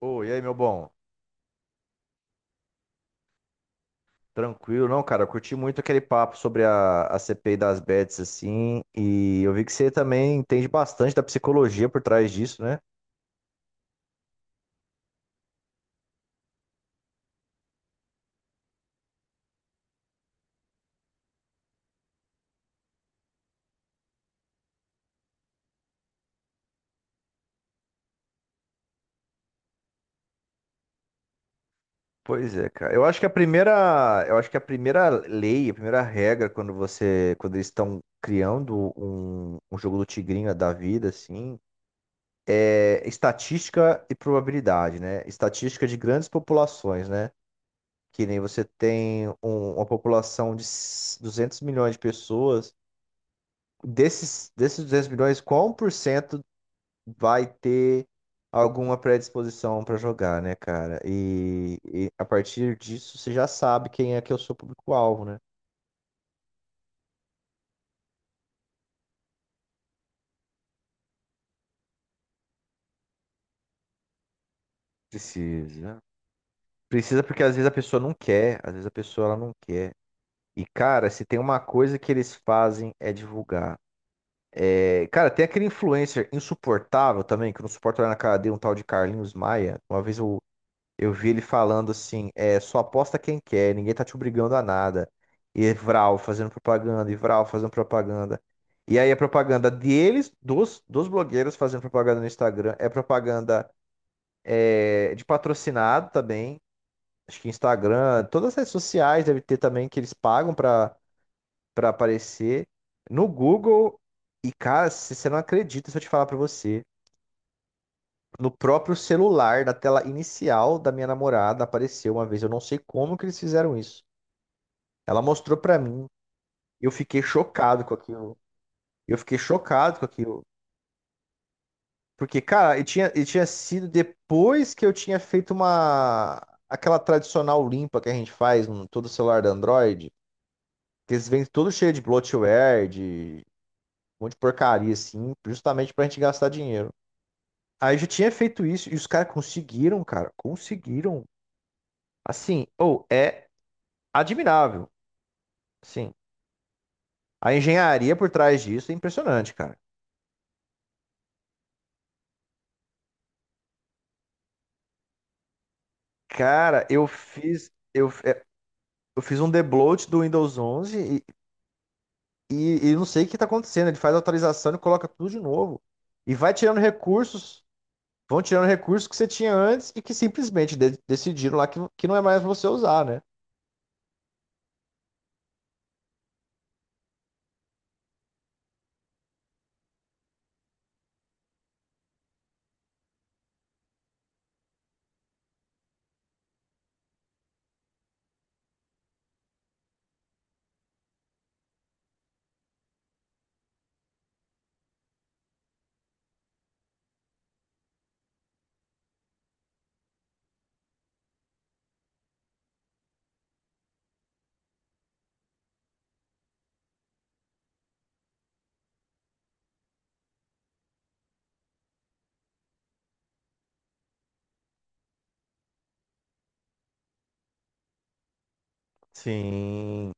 Ô, e aí, meu bom? Tranquilo, não, cara? Eu curti muito aquele papo sobre a CPI das bets, assim, e eu vi que você também entende bastante da psicologia por trás disso, né? Pois é, cara. Eu acho que a primeira lei, a primeira regra quando eles estão criando um jogo do tigrinho da vida, assim, é estatística e probabilidade, né? Estatística de grandes populações, né? Que nem você tem uma população de 200 milhões de pessoas. Desses 200 milhões, qual 1% vai ter alguma predisposição para jogar, né, cara? E a partir disso você já sabe quem é que é o seu público-alvo, né? Precisa. Precisa porque às vezes a pessoa não quer, às vezes a pessoa ela não quer. E, cara, se tem uma coisa que eles fazem é divulgar. É, cara, tem aquele influencer insuportável também, que eu não suporto olhar na cara dele, um tal de Carlinhos Maia. Uma vez eu vi ele falando assim, é, só aposta quem quer, ninguém tá te obrigando a nada. E Vral fazendo propaganda, e Vral fazendo propaganda. E aí a propaganda deles, dos blogueiros fazendo propaganda no Instagram, é propaganda, é, de patrocinado também. Acho que Instagram, todas as redes sociais deve ter também que eles pagam pra aparecer. No Google, e cara, se você não acredita se eu te falar pra você. No próprio celular, da tela inicial da minha namorada, apareceu uma vez. Eu não sei como que eles fizeram isso. Ela mostrou pra mim. Eu fiquei chocado com aquilo. Eu fiquei chocado com aquilo. Porque, cara, e tinha sido depois que eu tinha feito uma... Aquela tradicional limpa que a gente faz em todo celular da Android. Que eles vêm todo cheio de bloatware, de um monte de porcaria, assim. Justamente pra gente gastar dinheiro. Aí eu já tinha feito isso. E os caras conseguiram, cara. Conseguiram. Assim, ou é admirável, sim. A engenharia por trás disso é impressionante, cara. Cara, eu fiz um debloat do Windows 11 e não sei o que tá acontecendo. Ele faz a atualização e coloca tudo de novo. E vão tirando recursos que você tinha antes e que simplesmente decidiram lá que não é mais você usar, né? Sim.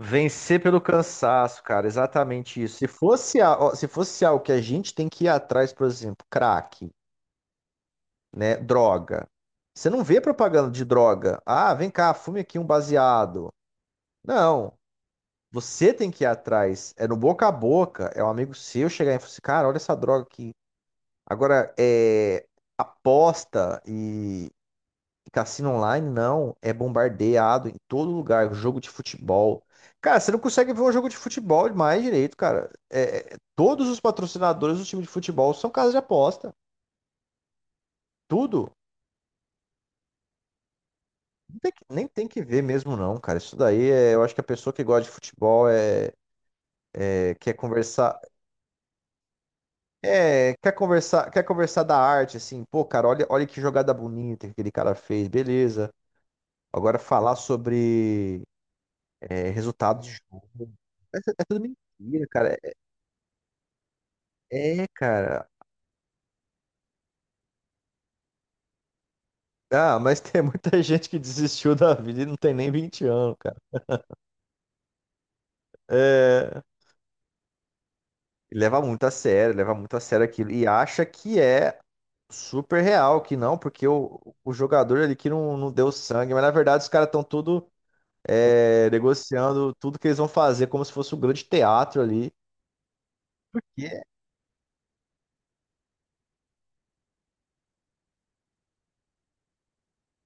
Vencer pelo cansaço, cara, exatamente isso. Se fosse algo que a gente tem que ir atrás, por exemplo, crack, né? Droga. Você não vê propaganda de droga. Ah, vem cá, fume aqui um baseado. Não. Você tem que ir atrás. É no boca a boca. É um amigo seu chegar e falar assim, cara, olha essa droga aqui. Agora, é aposta e cassino online, não. É bombardeado em todo lugar. Jogo de futebol. Cara, você não consegue ver um jogo de futebol mais direito, cara. Todos os patrocinadores do time de futebol são casas de aposta. Tudo. Nem tem que ver mesmo, não, cara. Isso daí eu acho que a pessoa que gosta de futebol quer conversar, quer conversar, quer conversar da arte, assim, pô, cara, olha, olha que jogada bonita que aquele cara fez, beleza. Agora falar sobre resultado de jogo. É tudo mentira, cara. É, cara. Ah, mas tem muita gente que desistiu da vida e não tem nem 20 anos, cara. É, leva muito a sério, leva muito a sério aquilo. E acha que é super real que não, porque o jogador ali que não, não deu sangue, mas na verdade os caras estão tudo negociando tudo que eles vão fazer como se fosse um grande teatro ali. E é,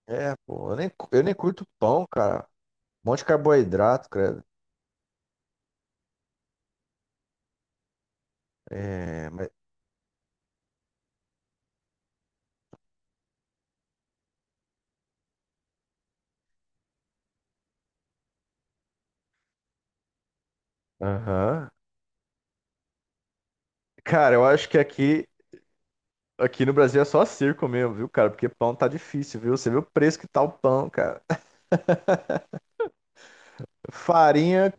Pô, eu nem curto pão, cara. Um monte de carboidrato, credo. É, mas, aham. Cara, eu acho que aqui no Brasil é só circo mesmo, viu, cara? Porque pão tá difícil, viu? Você viu o preço que tá o pão, cara. Farinha,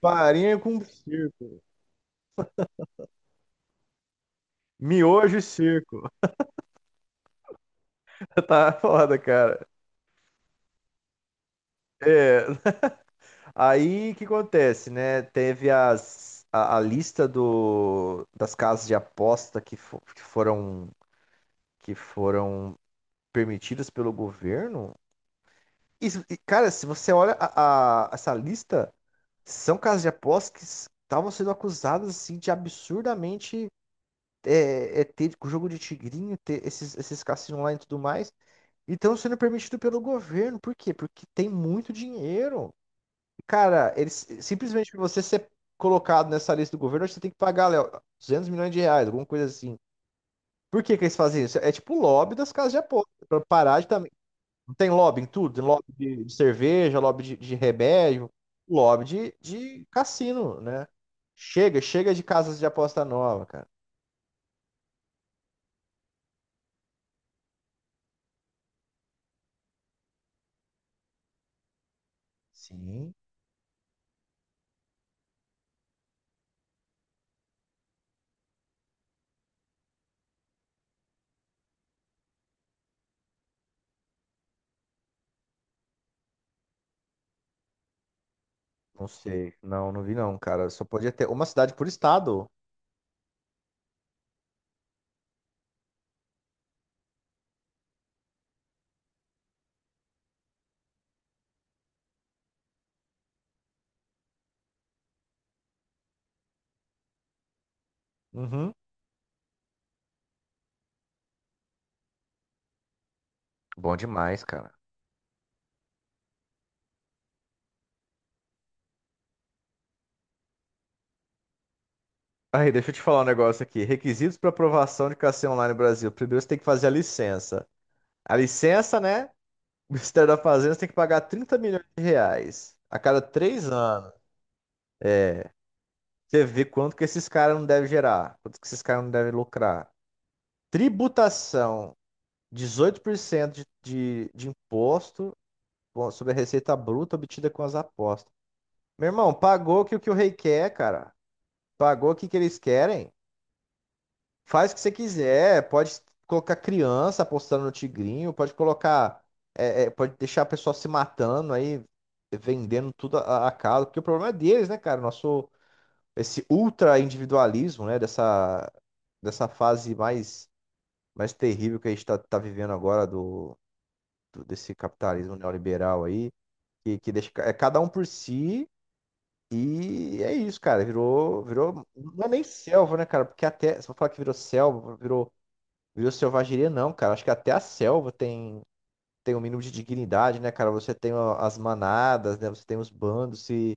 farinha com circo. Miojo e circo. Tá foda, cara. É, aí o que acontece, né? Teve a lista das casas de aposta que foram permitidas pelo governo. Isso, e, cara, se você olha essa lista, são casas de aposta que estavam sendo acusadas assim de absurdamente ter jogo de tigrinho, ter esses cassinos online e tudo mais, e estão sendo permitidos pelo governo. Por quê? Porque tem muito dinheiro. Cara, eles, simplesmente pra você ser colocado nessa lista do governo, você tem que pagar, Léo, 200 milhões de reais, alguma coisa assim. Por que que eles fazem isso? É tipo o lobby das casas de aposta, pra parar de também. Tem lobby em tudo, tem lobby de cerveja, lobby de remédio, lobby de cassino, né? Chega, chega de casas de aposta nova, cara. Sim, não sei. Não, não vi não, cara. Só podia ter uma cidade por estado. Uhum. Bom demais, cara. Aí, deixa eu te falar um negócio aqui. Requisitos para aprovação de KC Online no Brasil. Primeiro você tem que fazer a licença. A licença, né? O Ministério da Fazenda você tem que pagar 30 milhões de reais a cada 3 anos. Você vê quanto que esses caras não devem gerar, quanto que esses caras não devem lucrar. Tributação, 18% de imposto bom, sobre a receita bruta obtida com as apostas. Meu irmão, pagou que o rei quer, cara. Pagou o que que eles querem. Faz o que você quiser, pode colocar criança apostando no tigrinho, pode colocar, é, é, pode deixar a pessoa se matando aí, vendendo tudo a calo, porque o problema é deles, né, cara? Nosso, esse ultra individualismo, né, dessa fase mais terrível que a gente tá vivendo agora desse capitalismo neoliberal aí, que deixa, é cada um por si. E é isso, cara. Virou, virou. Não é nem selva, né, cara? Porque até. Se eu falar que virou selva, virou viva selvageria não, cara. Acho que até a selva tem um mínimo de dignidade, né, cara? Você tem ó, as manadas, né? Você tem os bandos se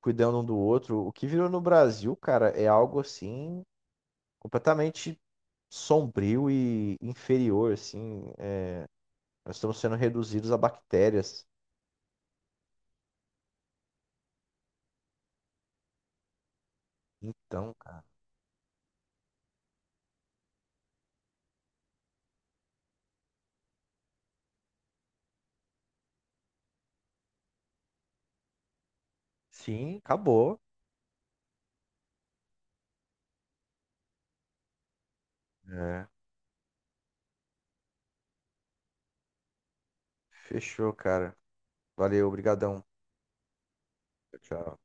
cuidando um do outro. O que virou no Brasil, cara, é algo assim completamente sombrio e inferior, assim. É, nós estamos sendo reduzidos a bactérias. Então, cara. Sim, acabou. É. Fechou, cara. Valeu, obrigadão. Tchau.